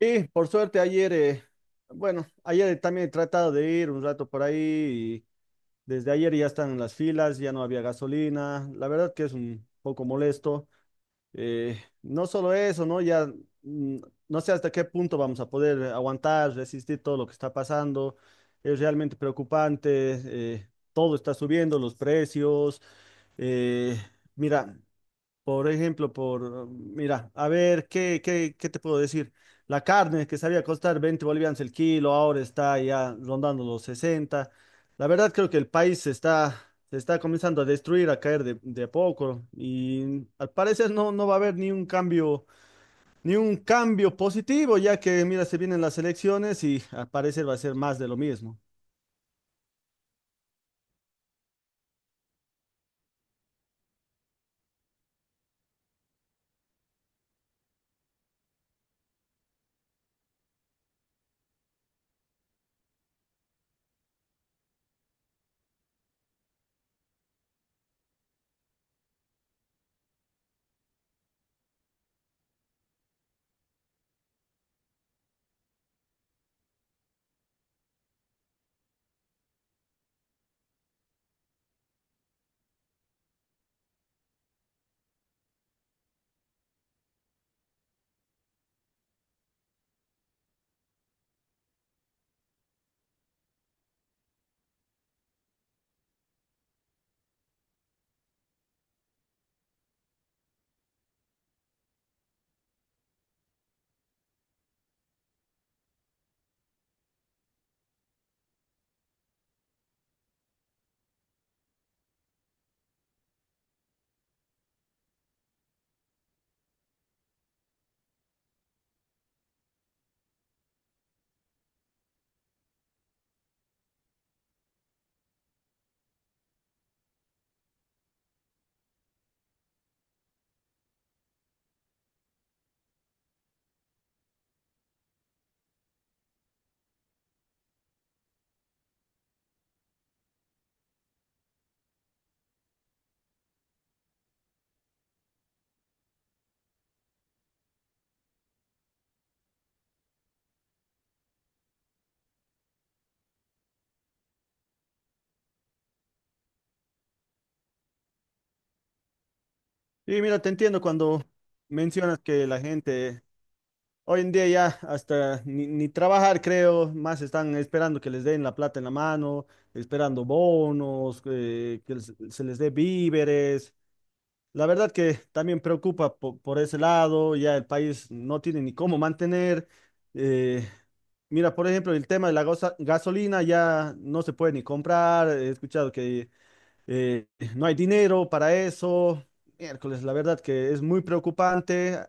Sí, por suerte ayer, bueno, ayer también he tratado de ir un rato por ahí y desde ayer ya están las filas, ya no había gasolina, la verdad que es un poco molesto. No solo eso, ¿no? Ya mm, no sé hasta qué punto vamos a poder aguantar, resistir todo lo que está pasando, es realmente preocupante. Todo está subiendo, los precios. eh, Mira, por ejemplo, mira, a ver, ¿qué te puedo decir? La carne que sabía costar 20 bolivianos el kilo, ahora está ya rondando los 60. La verdad creo que el país se está comenzando a destruir, a caer de a poco y al parecer no va a haber ni un cambio positivo, ya que, mira, se vienen las elecciones y al parecer va a ser más de lo mismo. Y mira, te entiendo cuando mencionas que la gente hoy en día ya hasta ni trabajar, creo, más están esperando que les den la plata en la mano, esperando bonos, que se les dé víveres. La verdad que también preocupa por ese lado, ya el país no tiene ni cómo mantener. eh, Mira, por ejemplo, el tema de la gasolina ya no se puede ni comprar, he escuchado que eh, no hay dinero para eso. Miércoles, la verdad que es muy preocupante.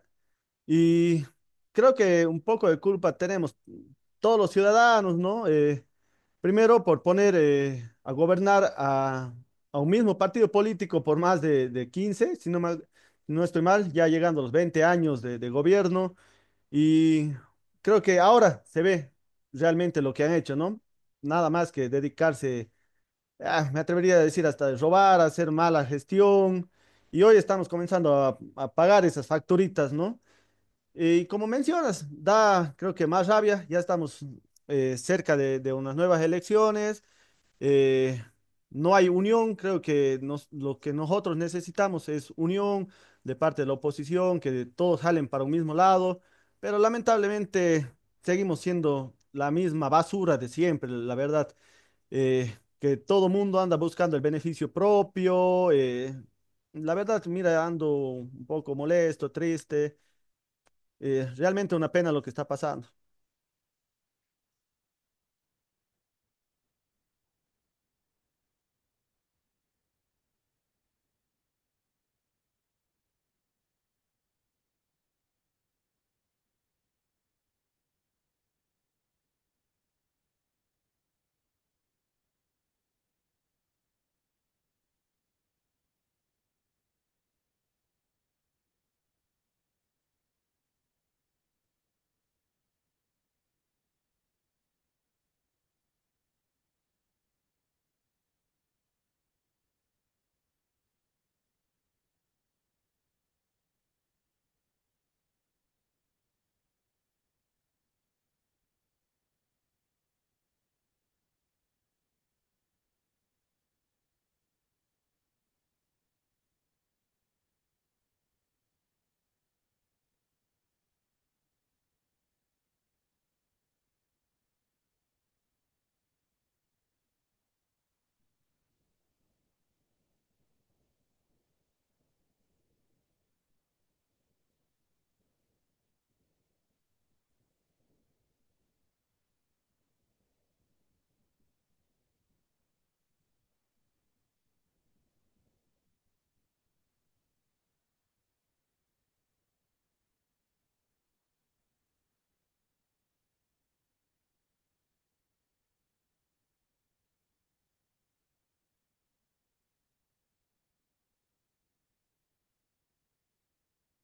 Y creo que un poco de culpa tenemos todos los ciudadanos, ¿no? Primero por poner a gobernar a un mismo partido político por más de 15, no estoy mal, ya llegando a los 20 años de gobierno. Y creo que ahora se ve realmente lo que han hecho, ¿no? Nada más que dedicarse, ah, me atrevería a decir, hasta de robar, hacer mala gestión. Y hoy estamos comenzando a pagar esas facturitas, ¿no? Y como mencionas, da, creo que más rabia. Ya estamos cerca de unas nuevas elecciones. eh, no hay unión, creo que lo que nosotros necesitamos es unión de parte de la oposición, que todos jalen para un mismo lado, pero lamentablemente seguimos siendo la misma basura de siempre, la verdad, que todo mundo anda buscando el beneficio propio. La verdad, mira, ando un poco molesto, triste. Realmente una pena lo que está pasando.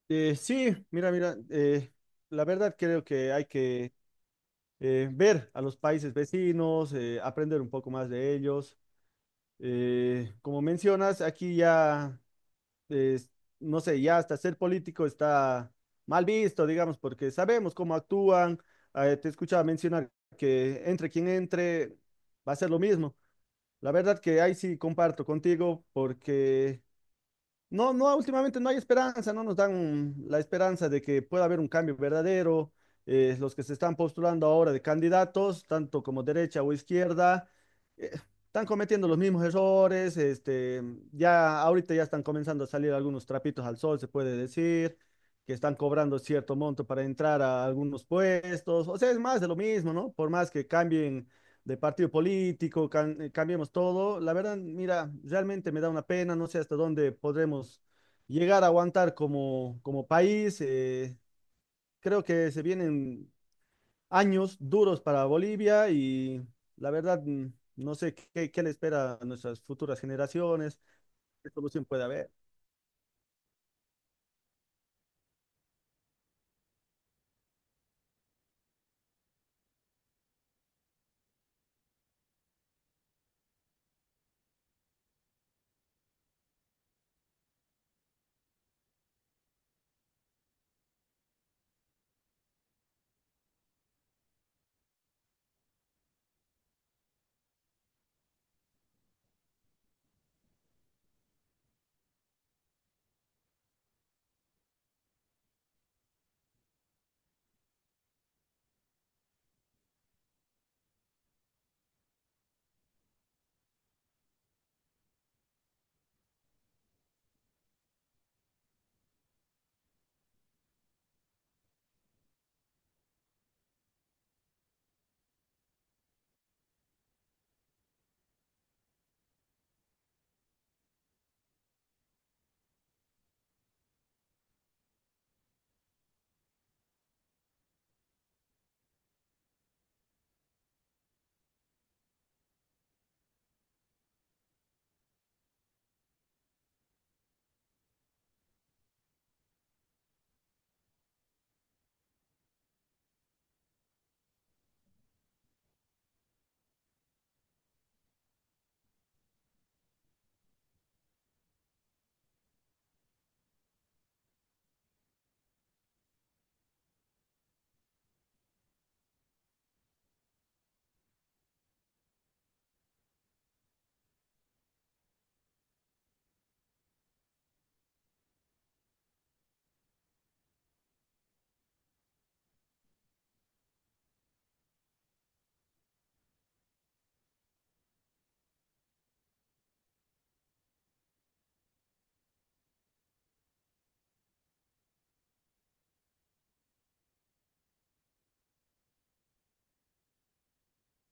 Sí, mira, mira, la verdad creo que hay que ver a los países vecinos, aprender un poco más de ellos. Como mencionas, aquí ya, eh, no sé, ya hasta ser político está mal visto, digamos, porque sabemos cómo actúan. Te escuchaba mencionar que entre quien entre va a ser lo mismo. La verdad que ahí sí comparto contigo porque... No, no, últimamente no hay esperanza, no nos dan la esperanza de que pueda haber un cambio verdadero. Los que se están postulando ahora de candidatos, tanto como derecha o izquierda, eh, están cometiendo los mismos errores. Este, ya ahorita ya están comenzando a salir algunos trapitos al sol, se puede decir, que están cobrando cierto monto para entrar a algunos puestos. O sea, es más de lo mismo, ¿no? Por más que cambien de partido político, cambiemos todo. La verdad, mira, realmente me da una pena, no sé hasta dónde podremos llegar a aguantar como país. Creo que se vienen años duros para Bolivia y la verdad, no sé qué le espera a nuestras futuras generaciones, qué solución puede haber.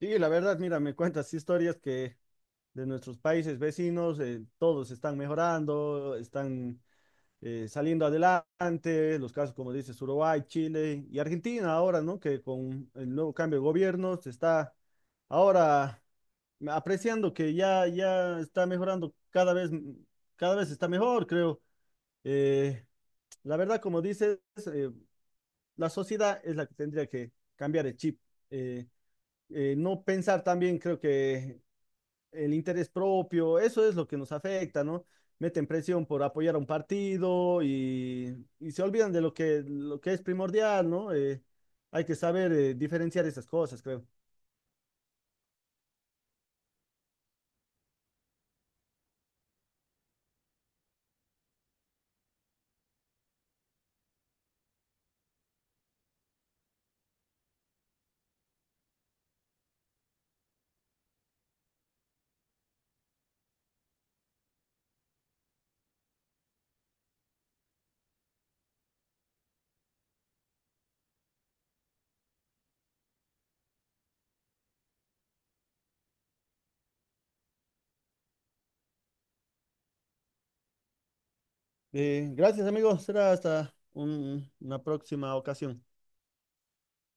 Sí, la verdad, mira, me cuentas historias que de nuestros países vecinos, todos están mejorando, están saliendo adelante, los casos como dices, Uruguay, Chile y Argentina ahora, ¿no? Que con el nuevo cambio de gobierno se está ahora apreciando que ya está mejorando cada vez está mejor, creo. Eh, la verdad, como dices, eh, la sociedad es la que tendría que cambiar el chip. Eh, no pensar también, creo que el interés propio, eso es lo que nos afecta, ¿no? Meten presión por apoyar a un partido y se olvidan de lo que es primordial, ¿no? Hay que saber diferenciar esas cosas, creo. Gracias, amigos. Será hasta una próxima ocasión.